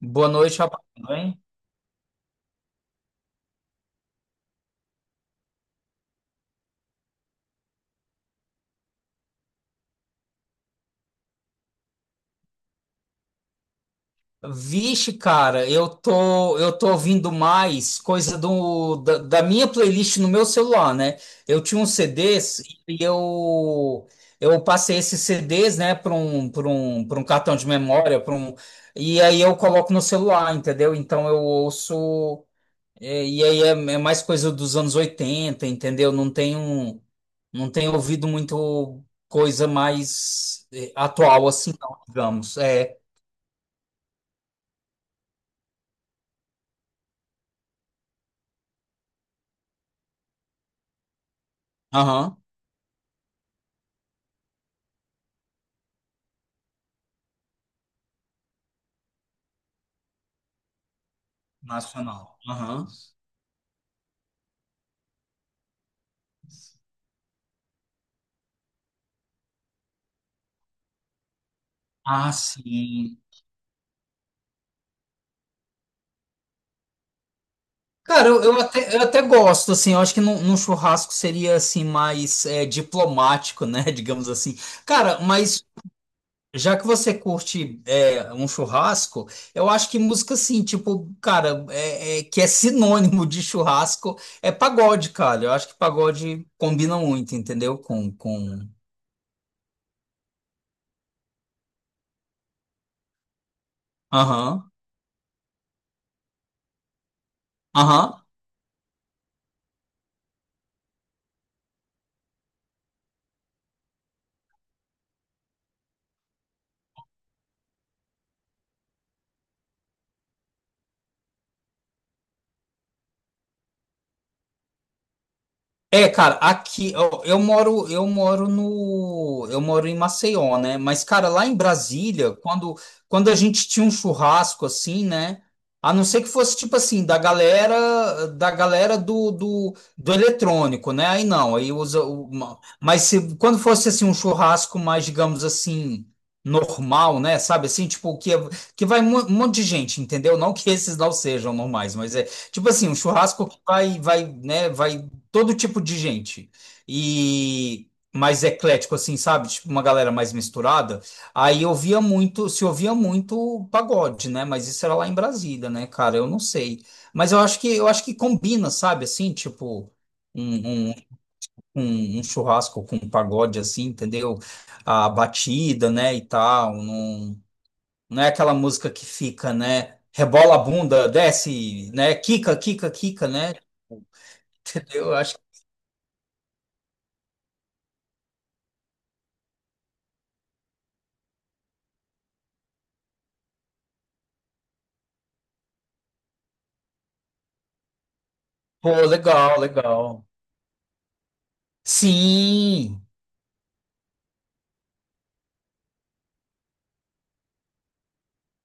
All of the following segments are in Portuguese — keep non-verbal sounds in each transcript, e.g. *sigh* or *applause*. Boa noite, rapaz. Tudo bem? Vixe, cara, eu tô ouvindo mais coisa da minha playlist no meu celular, né? Eu tinha uns CDs e eu passei esses CDs, né, para um cartão de memória, para um. E aí eu coloco no celular, entendeu? Então eu ouço e aí é, é mais coisa dos anos oitenta, entendeu? Não tenho ouvido muito coisa mais atual assim, não, digamos. É. Aham. Nacional. Aham. Ah, sim. Cara, eu até gosto, assim. Eu acho que num churrasco seria, assim, mais diplomático, né, *laughs* digamos assim. Cara, mas já que você curte um churrasco, eu acho que música, assim, tipo, cara, que é sinônimo de churrasco, é pagode, cara. Eu acho que pagode combina muito, entendeu? Com... Aham, aham. É, cara, aqui eu moro no, eu moro em Maceió, né? Mas, cara, lá em Brasília, quando a gente tinha um churrasco assim, né? A não ser que fosse tipo assim, da galera, do eletrônico, né? Aí não, aí usa uma. Mas se quando fosse assim um churrasco mais, digamos assim, normal, né? Sabe, assim, tipo que é, que vai um monte de gente, entendeu? Não que esses não sejam normais, mas é... Tipo assim, um churrasco que vai todo tipo de gente. E mais eclético, assim, sabe? Tipo, uma galera mais misturada. Aí eu via muito, se ouvia muito pagode, né? Mas isso era lá em Brasília, né, cara? Eu não sei. Mas eu acho que combina, sabe? Assim, tipo. Um, um, Um churrasco com um pagode assim, entendeu? A batida, né, e tal. Não, não é aquela música que fica, né? Rebola a bunda, desce, né? Quica, quica, quica, né? Eu acho. Pô, legal, legal. Sim!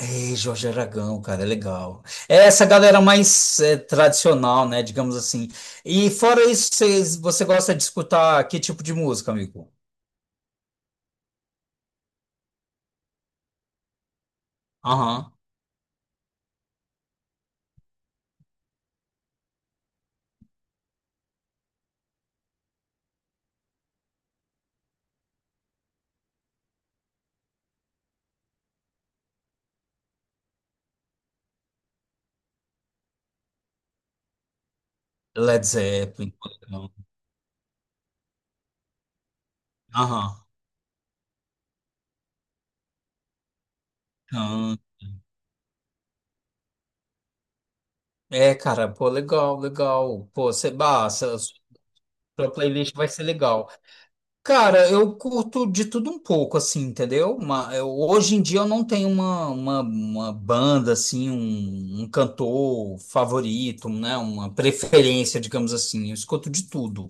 É, Jorge Aragão, cara, é legal. É essa galera mais tradicional, né, digamos assim. E fora isso, você gosta de escutar que tipo de música, amigo? Aham. Led Zeppelin. Pô, legal. Aham. Aham. É, cara, pô, legal, legal. Pô, você, bah, essa sua playlist vai ser legal. Cara, eu curto de tudo um pouco, assim, entendeu? Hoje em dia eu não tenho uma banda, assim, um cantor favorito, né? Uma preferência, digamos assim. Eu escuto de tudo.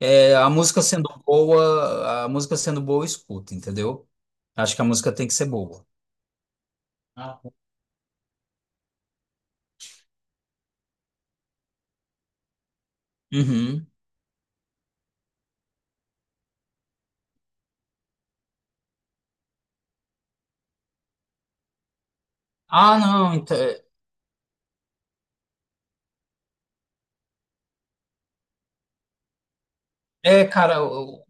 É, a música sendo boa, a música sendo boa, eu escuto, entendeu? Acho que a música tem que ser boa. Ah. Uhum. Ah, não, então, é, cara,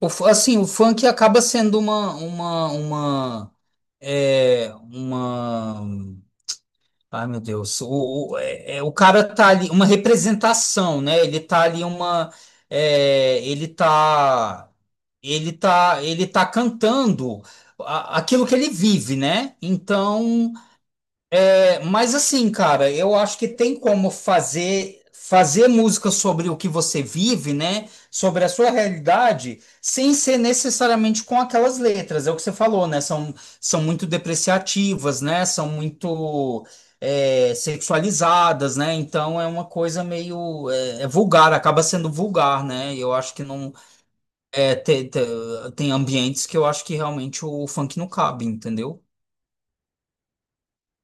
o assim, o funk acaba sendo uma... Ai, meu Deus. O cara tá ali, uma representação, né? Ele tá ali uma. É, ele tá. Ele tá cantando aquilo que ele vive, né? Então. Mas assim, cara, eu acho que tem como fazer música sobre o que você vive, né? Sobre a sua realidade, sem ser necessariamente com aquelas letras. É o que você falou, né? São, são muito depreciativas, né? São muito sexualizadas, né? Então é uma coisa meio é vulgar, acaba sendo vulgar, né? Eu acho que não é, te- te- tem ambientes que eu acho que realmente o funk não cabe, entendeu?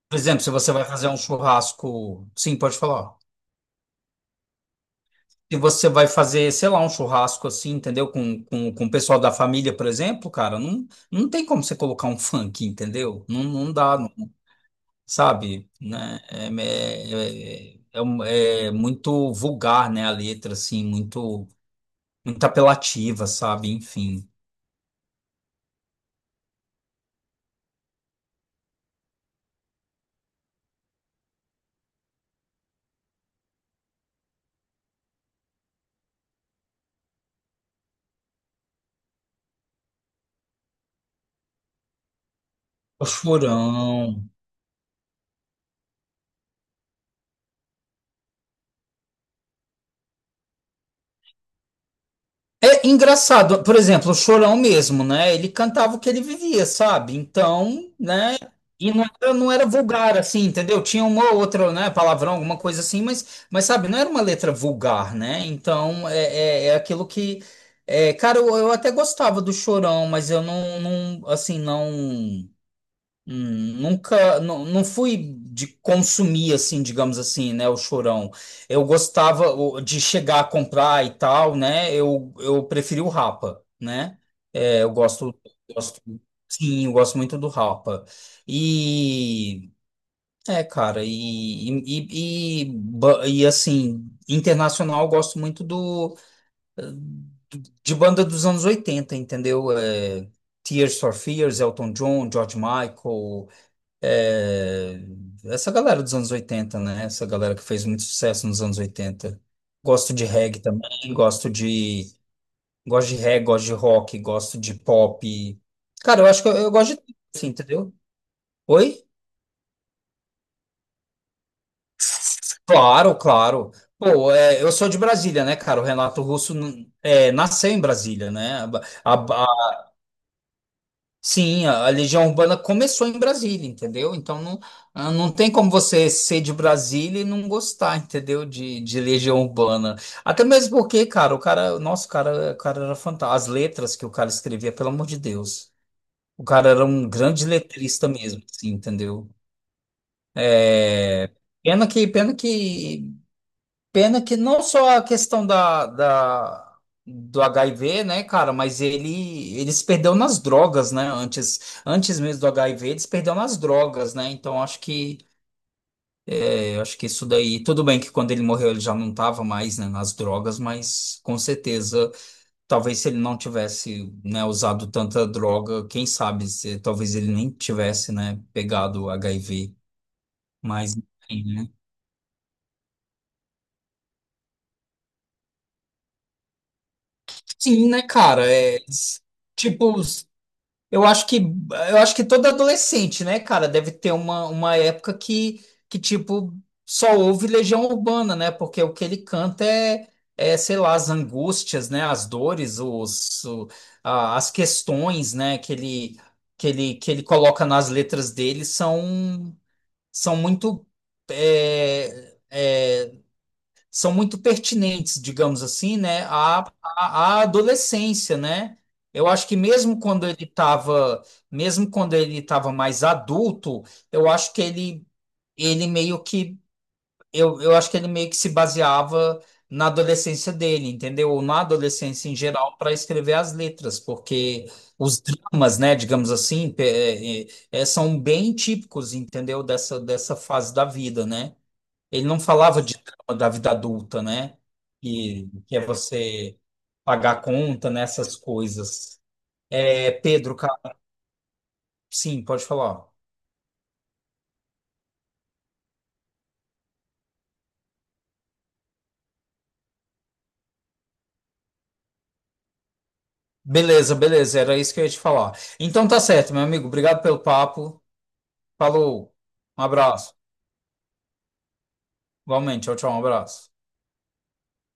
Por exemplo, se você vai fazer um churrasco, sim, pode falar. Se você vai fazer, sei lá, um churrasco assim, entendeu? Com, com o pessoal da família, por exemplo, cara, não, não tem como você colocar um funk, entendeu? Não, não dá, não. Sabe? Né? É um- é muito vulgar, né? A letra, assim, muito, muito apelativa, sabe? Enfim. O Chorão. É engraçado, por exemplo, o Chorão mesmo, né? Ele cantava o que ele vivia, sabe? Então, né? E não era, não era vulgar, assim, entendeu? Tinha uma ou outra, né, palavrão, alguma coisa assim, mas sabe, não era uma letra vulgar, né? Então, é aquilo que. É, cara, eu até gostava do Chorão, mas eu não, não, assim, não. Nunca, não, não fui de consumir assim, digamos assim, né, o Chorão. Eu gostava de chegar a comprar e tal, né? Eu preferi o Rapa, né? É, gosto, sim, eu gosto muito do Rapa. E é, cara, assim, internacional eu gosto muito do de banda dos anos 80, entendeu? É, Tears for Fears, Elton John, George Michael. É, essa galera dos anos 80, né? Essa galera que fez muito sucesso nos anos 80. Gosto de reggae também, gosto de. Gosto de reggae, gosto de rock, gosto de pop. Cara, eu acho que eu gosto de tudo, assim, entendeu? Oi? Claro, claro. Pô, é, eu sou de Brasília, né, cara? O Renato Russo nasceu em Brasília, né? A, a- Sim, a Legião Urbana começou em Brasília, entendeu? Então não, ah, não tem como você ser de Brasília e não gostar, entendeu? De Legião Urbana. Até mesmo porque, cara, o cara, nossa, o cara era fantástico. As letras que o cara escrevia, pelo amor de Deus. O cara era um grande letrista mesmo, assim, entendeu? É, pena que Pena que não só a questão do HIV, né, cara, mas eles perdeu nas drogas, né? Antes, antes mesmo do HIV, eles perderam nas drogas, né? Então acho que isso daí, tudo bem que quando ele morreu ele já não estava mais, né, nas drogas, mas com certeza, talvez se ele não tivesse, né, usado tanta droga, quem sabe, se, talvez ele nem tivesse, né, pegado HIV, mas enfim, né? Sim, né, cara, é tipo. Eu acho que todo adolescente, né, cara, deve ter uma época que tipo só ouve Legião Urbana, né? Porque o que ele canta é, é sei lá, as angústias, né, as dores, as questões, né, que ele que ele que ele coloca nas letras dele são são muito é, é, são muito pertinentes, digamos assim, né, à adolescência, né? Eu acho que mesmo quando ele estava, mesmo quando ele estava mais adulto, eu acho que ele meio que, eu acho que ele meio que se baseava na adolescência dele, entendeu? Ou na adolescência em geral para escrever as letras, porque os dramas, né, digamos assim, são bem típicos, entendeu? Dessa fase da vida, né? Ele não falava de drama da vida adulta, né? Que é você pagar a conta nessas coisas. É, Pedro, sim, pode falar. Beleza, beleza, era isso que eu ia te falar. Então tá certo, meu amigo. Obrigado pelo papo. Falou. Um abraço. Igualmente, tchau, tchau, um abraço.